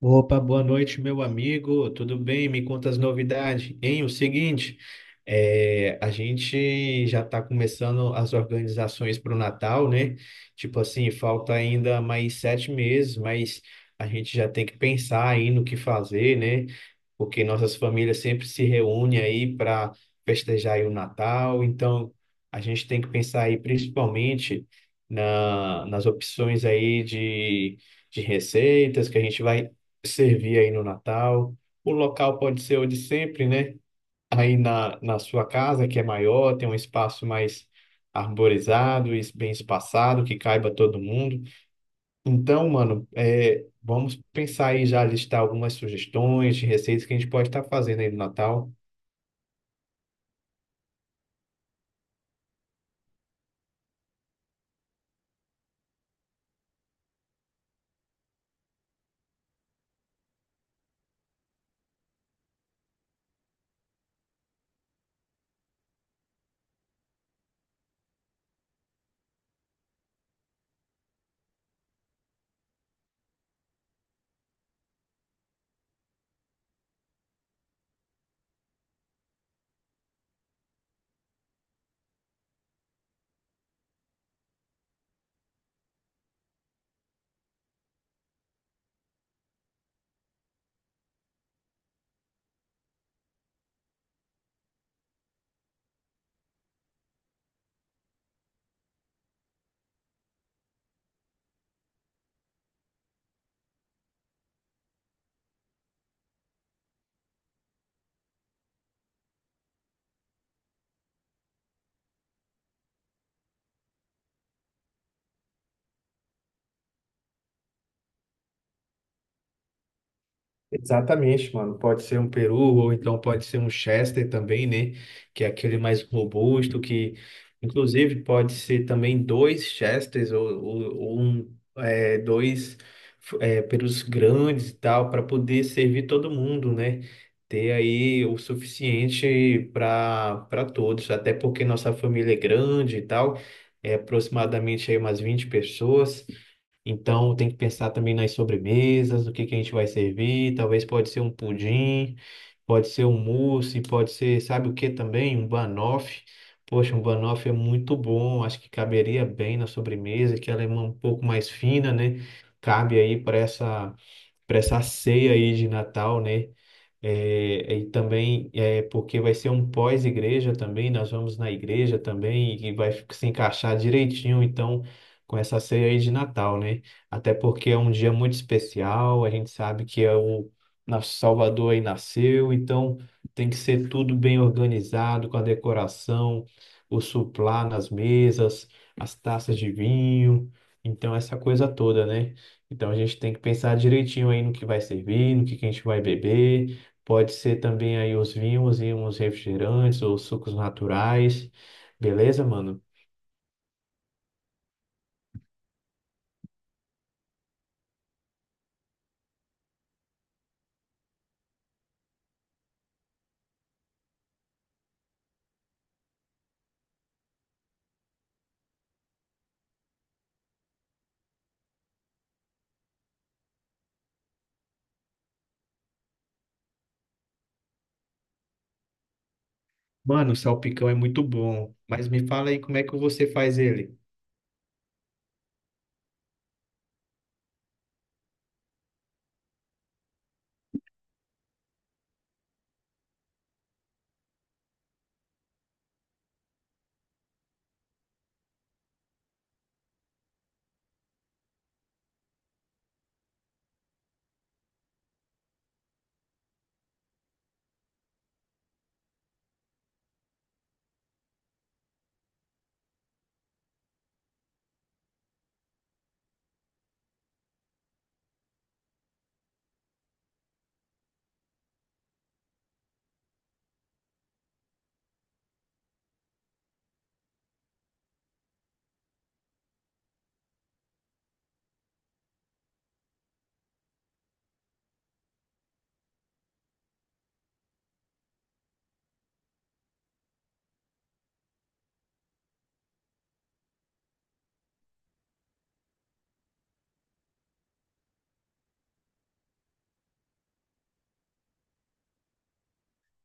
Opa, boa noite, meu amigo. Tudo bem? Me conta as novidades. Hein, o seguinte, a gente já está começando as organizações para o Natal, né? Tipo assim, falta ainda mais 7 meses, mas a gente já tem que pensar aí no que fazer, né? Porque nossas famílias sempre se reúnem aí para festejar aí o Natal. Então, a gente tem que pensar aí principalmente nas opções aí de receitas que a gente vai servir aí no Natal. O local pode ser o de sempre, né? Aí na sua casa, que é maior, tem um espaço mais arborizado e bem espaçado, que caiba todo mundo. Então, mano, vamos pensar aí já listar algumas sugestões de receitas que a gente pode estar fazendo aí no Natal. Exatamente, mano. Pode ser um peru, ou então pode ser um Chester também, né? Que é aquele mais robusto, que inclusive pode ser também dois Chesters ou dois perus grandes e tal, para poder servir todo mundo, né? Ter aí o suficiente para todos, até porque nossa família é grande e tal, é aproximadamente aí umas 20 pessoas. Então tem que pensar também nas sobremesas, o que que a gente vai servir. Talvez pode ser um pudim, pode ser um mousse, pode ser, sabe o que também? Um banoffee. Poxa, um banoffee é muito bom. Acho que caberia bem na sobremesa, que ela é um pouco mais fina, né? Cabe aí para essa ceia aí de Natal, né? É, e também é porque vai ser um pós-igreja também, nós vamos na igreja também e vai se encaixar direitinho, então, com essa ceia aí de Natal, né? Até porque é um dia muito especial, a gente sabe que é o nosso Salvador aí nasceu, então tem que ser tudo bem organizado, com a decoração, o suplá nas mesas, as taças de vinho, então essa coisa toda, né? Então a gente tem que pensar direitinho aí no que vai servir, no que a gente vai beber. Pode ser também aí os vinhos e uns refrigerantes ou sucos naturais. Beleza, mano? Mano, o salpicão é muito bom, mas me fala aí como é que você faz ele.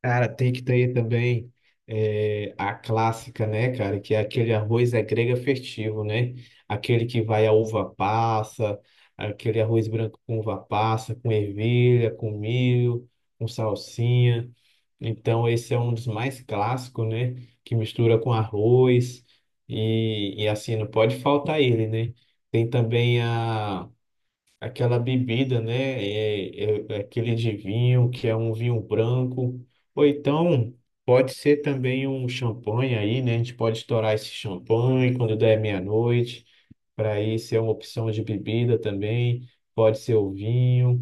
Cara, tem que ter também a clássica, né, cara? Que é aquele arroz é grega festivo, né? Aquele que vai a uva passa, aquele arroz branco com uva passa, com ervilha, com milho, com salsinha. Então, esse é um dos mais clássicos, né? Que mistura com arroz e assim, não pode faltar ele, né? Tem também a aquela bebida, né? É aquele de vinho que é um vinho branco, ou então pode ser também um champanhe aí, né? A gente pode estourar esse champanhe quando der meia-noite, para isso é uma opção de bebida também. Pode ser o vinho.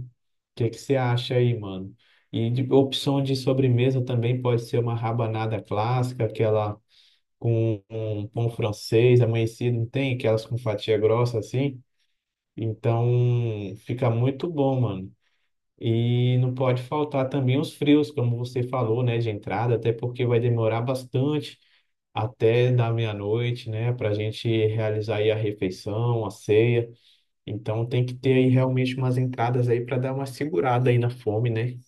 O que que você acha aí, mano? E de opção de sobremesa também pode ser uma rabanada clássica, aquela com um pão francês amanhecido, não tem? Aquelas com fatia grossa assim. Então, fica muito bom, mano. E não pode faltar também os frios, como você falou, né, de entrada, até porque vai demorar bastante até da meia-noite, né, para a gente realizar aí a refeição, a ceia. Então, tem que ter aí realmente umas entradas aí para dar uma segurada aí na fome, né?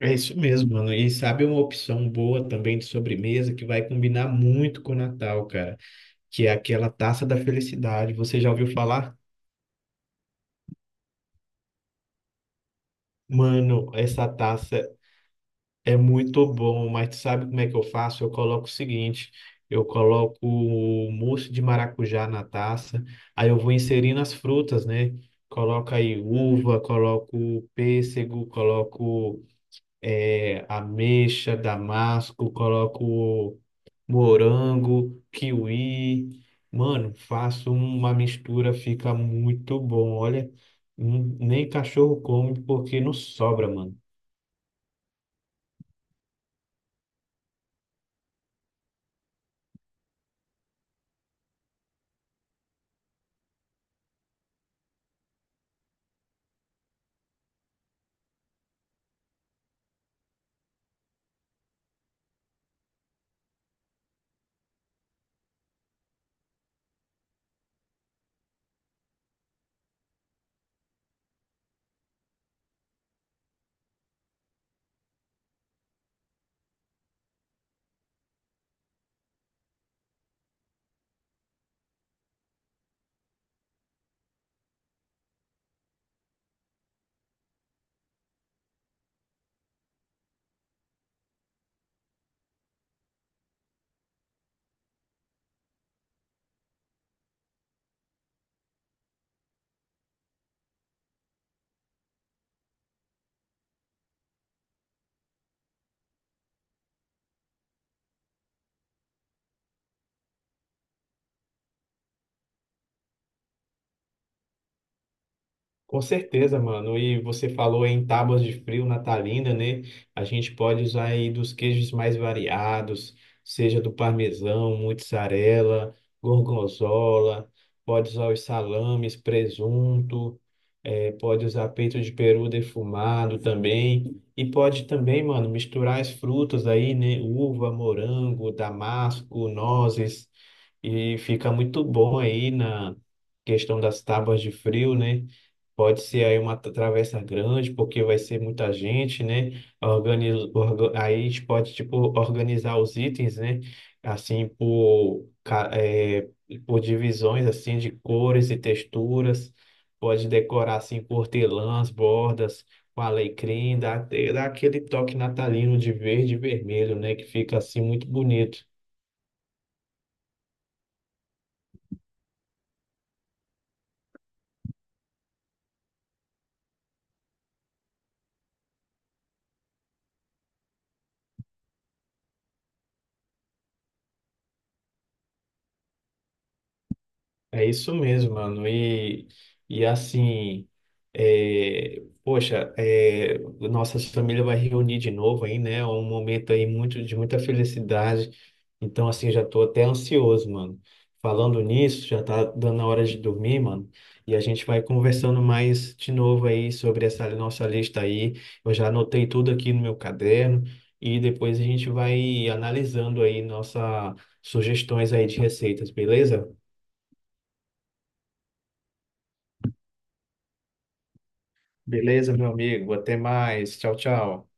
É isso mesmo, mano. E sabe uma opção boa também de sobremesa que vai combinar muito com o Natal, cara, que é aquela taça da felicidade. Você já ouviu falar? Mano, essa taça é muito bom, mas tu sabe como é que eu faço? Eu coloco o seguinte, eu coloco o mousse de maracujá na taça, aí eu vou inserindo as frutas, né? Coloco aí uva, coloco pêssego, coloco ameixa, damasco, coloco morango, kiwi. Mano, faço uma mistura, fica muito bom. Olha, nem cachorro come porque não sobra, mano. Com certeza, mano. E você falou em tábuas de frio natalina, né? A gente pode usar aí dos queijos mais variados, seja do parmesão, mozzarella, gorgonzola, pode usar os salames, presunto, pode usar peito de peru defumado também. E pode também, mano, misturar as frutas aí, né? Uva, morango, damasco, nozes. E fica muito bom aí na questão das tábuas de frio, né? Pode ser aí uma travessa grande, porque vai ser muita gente, né? Aí a gente pode, tipo, organizar os itens, né? Assim, por, ca- é por divisões, assim, de cores e texturas. Pode decorar, assim, com hortelãs, bordas, com alecrim, dá aquele toque natalino de verde e vermelho, né? Que fica, assim, muito bonito. É isso mesmo, mano. E assim, poxa, nossa família vai reunir de novo aí, né? É um momento aí muito, de muita felicidade. Então, assim, já tô até ansioso, mano. Falando nisso, já tá dando a hora de dormir, mano. E a gente vai conversando mais de novo aí sobre essa nossa lista aí. Eu já anotei tudo aqui no meu caderno. E depois a gente vai analisando aí nossas sugestões aí de receitas, beleza? Beleza, meu amigo. Até mais. Tchau, tchau.